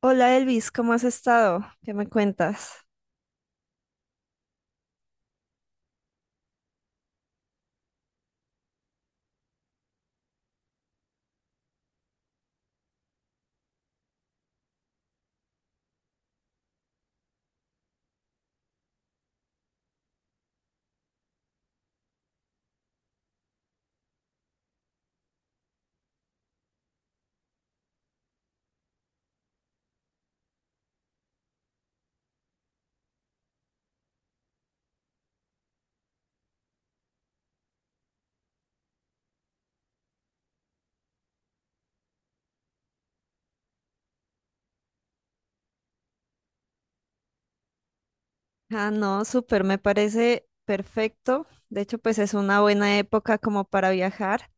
Hola Elvis, ¿cómo has estado? ¿Qué me cuentas? Ah, no, súper, me parece perfecto. De hecho, pues es una buena época como para viajar.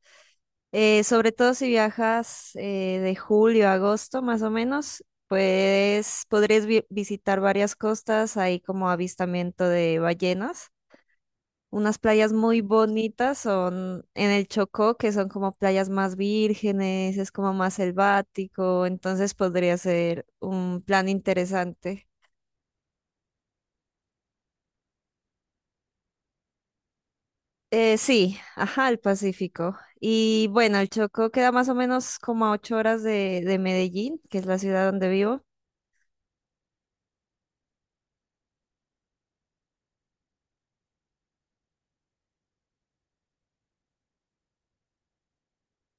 Sobre todo si viajas de julio a agosto más o menos, pues podrías visitar varias costas, ahí como avistamiento de ballenas. Unas playas muy bonitas son en el Chocó, que son como playas más vírgenes, es como más selvático, entonces podría ser un plan interesante. Sí, ajá, al Pacífico. Y bueno, el Chocó queda más o menos como a 8 horas de Medellín, que es la ciudad donde vivo.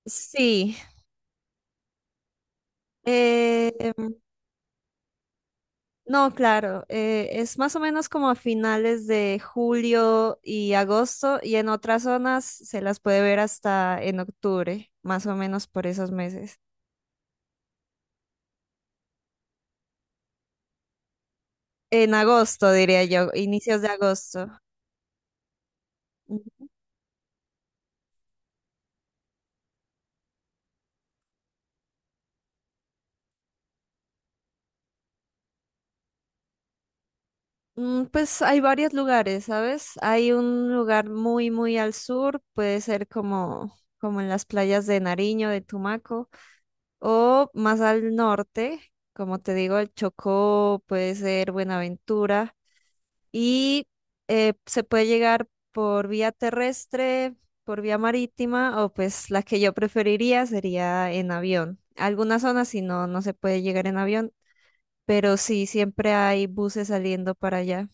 Sí, eh, em, no, claro, es más o menos como a finales de julio y agosto, y en otras zonas se las puede ver hasta en octubre, más o menos por esos meses. En agosto, diría yo, inicios de agosto. Pues hay varios lugares, ¿sabes? Hay un lugar muy, muy al sur, puede ser como en las playas de Nariño, de Tumaco, o más al norte, como te digo, el Chocó, puede ser Buenaventura. Y se puede llegar por vía terrestre, por vía marítima, o pues la que yo preferiría sería en avión. Algunas zonas no, no se puede llegar en avión, pero sí, siempre hay buses saliendo para allá.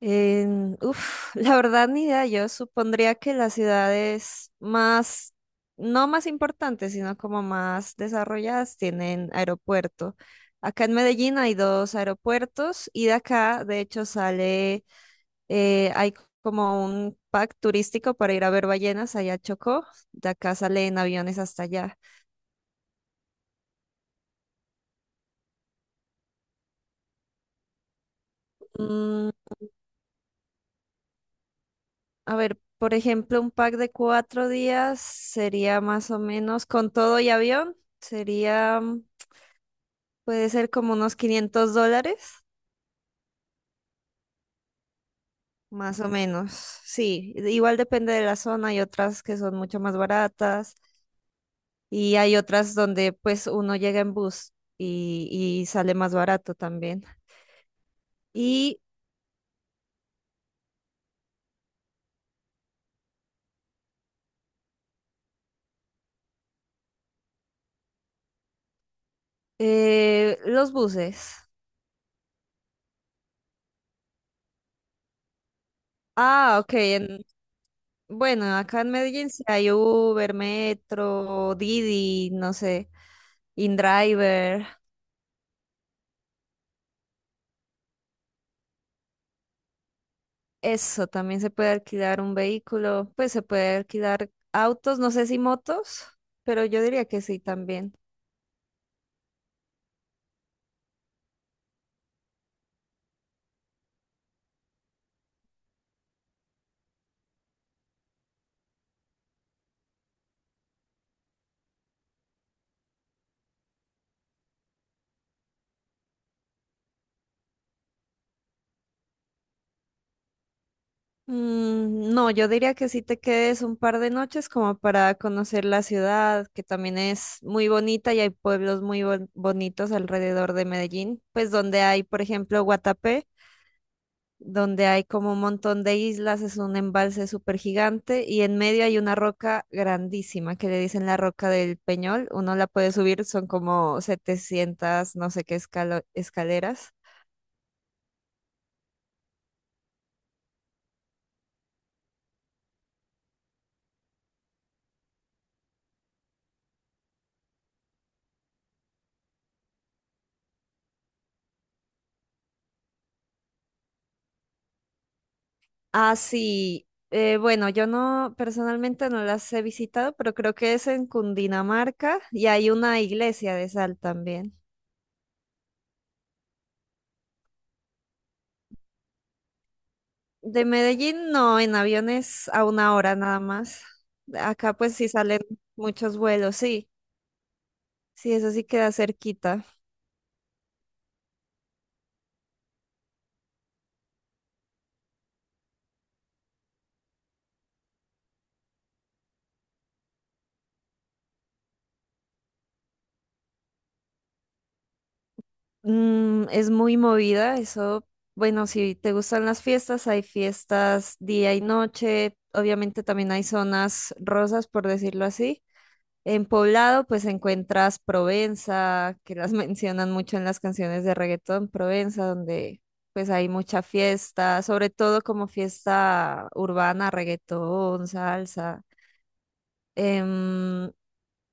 En- uf, la verdad ni idea. Yo supondría que las ciudades más, no más importantes, sino como más desarrolladas tienen aeropuerto. Acá en Medellín hay dos aeropuertos, y de acá, de hecho, sale, hay como un pack turístico para ir a ver ballenas allá a Chocó. De acá salen aviones hasta allá. Mm, a ver, por ejemplo, un pack de 4 días sería más o menos con todo y avión. Sería... puede ser como unos $500, más o menos. Sí, igual depende de la zona. Hay otras que son mucho más baratas, y hay otras donde pues uno llega en bus y, y sale más barato también. Y los buses. Ah, ok. En- bueno, acá en Medellín sí hay Uber, Metro, Didi, no sé, InDriver. Eso, también se puede alquilar un vehículo. Pues se puede alquilar autos, no sé si motos, pero yo diría que sí también. No, yo diría que sí te quedes un par de noches como para conocer la ciudad, que también es muy bonita, y hay pueblos muy bonitos alrededor de Medellín, pues donde hay, por ejemplo, Guatapé, donde hay como un montón de islas. Es un embalse súper gigante y en medio hay una roca grandísima que le dicen la roca del Peñol. Uno la puede subir, son como 700 no sé qué escaleras. Ah, sí, bueno, yo no, personalmente no las he visitado, pero creo que es en Cundinamarca y hay una iglesia de sal también. De Medellín, no, en aviones a una hora nada más. Acá pues sí salen muchos vuelos, sí, sí, eso sí queda cerquita. Es muy movida, eso, bueno, si te gustan las fiestas, hay fiestas día y noche. Obviamente también hay zonas rosas, por decirlo así. En Poblado, pues encuentras Provenza, que las mencionan mucho en las canciones de reggaetón, Provenza, donde pues hay mucha fiesta, sobre todo como fiesta urbana, reggaetón, salsa, em,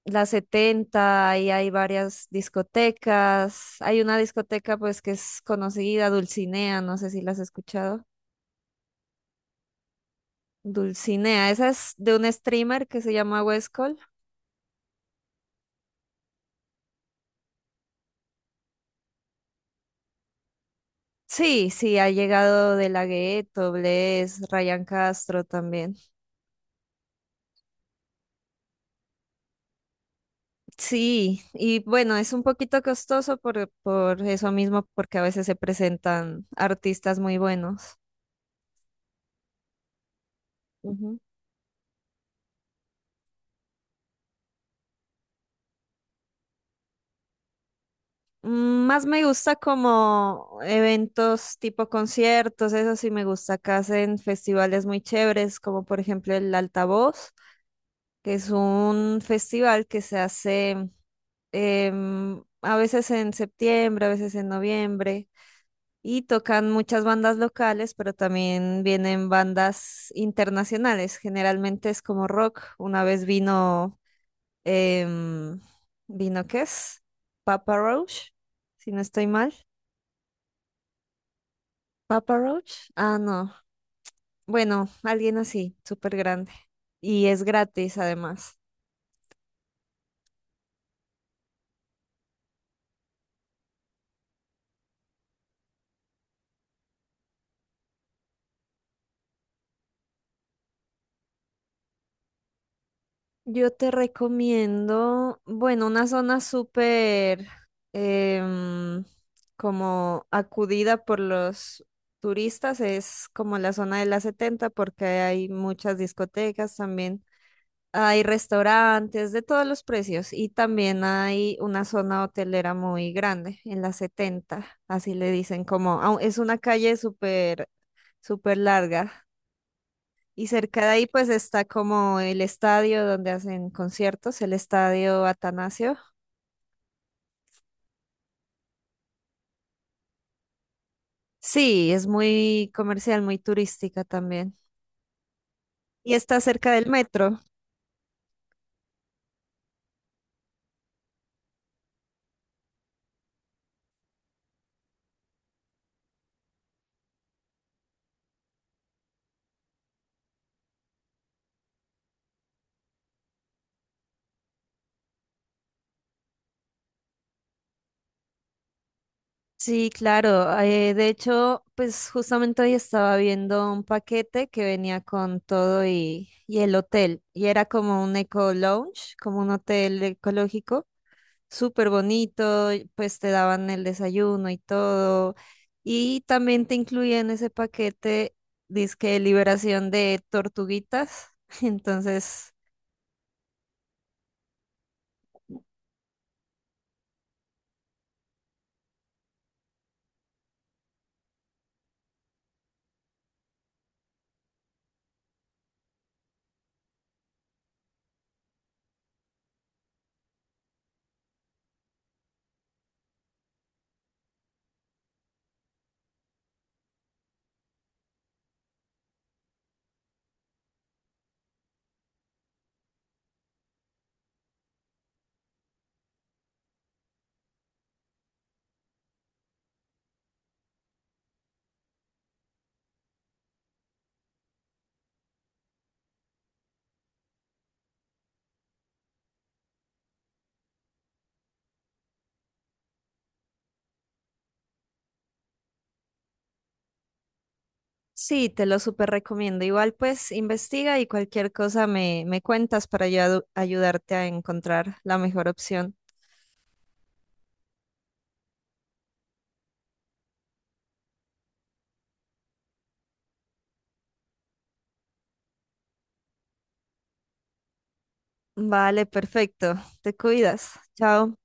la 70, y hay varias discotecas. Hay una discoteca, pues, que es conocida, Dulcinea, no sé si la has escuchado. Dulcinea, esa es de un streamer que se llama Westcol. Sí, sí, ha llegado De La Ghetto, Bless, Ryan Castro también. Sí, y bueno, es un poquito costoso por eso mismo, porque a veces se presentan artistas muy buenos. Más me gusta como eventos tipo conciertos, eso sí me gusta. Acá hacen festivales muy chéveres, como por ejemplo el Altavoz, que es un festival que se hace a veces en septiembre, a veces en noviembre, y tocan muchas bandas locales, pero también vienen bandas internacionales. Generalmente es como rock. Una vez vino, em, ¿vino qué es? Papa Roach, si no estoy mal. Papa Roach. Ah, no. Bueno, alguien así, súper grande. Y es gratis además. Yo te recomiendo, bueno, una zona súper em, como acudida por los turistas, es como la zona de la setenta, porque hay muchas discotecas también. Hay restaurantes de todos los precios, y también hay una zona hotelera muy grande en la 70, así le dicen, como es una calle súper súper larga. Y cerca de ahí pues está como el estadio donde hacen conciertos, el estadio Atanasio. Sí, es muy comercial, muy turística también. Y está cerca del metro. Sí, claro. De hecho, pues justamente hoy estaba viendo un paquete que venía con todo y el hotel. Y era como un eco lounge, como un hotel ecológico, súper bonito, pues te daban el desayuno y todo. Y también te incluía en ese paquete, disque liberación de tortuguitas. Entonces, sí, te lo súper recomiendo. Igual, pues investiga y cualquier cosa me, me cuentas para yo ayudarte a encontrar la mejor opción. Vale, perfecto. Te cuidas. Chao.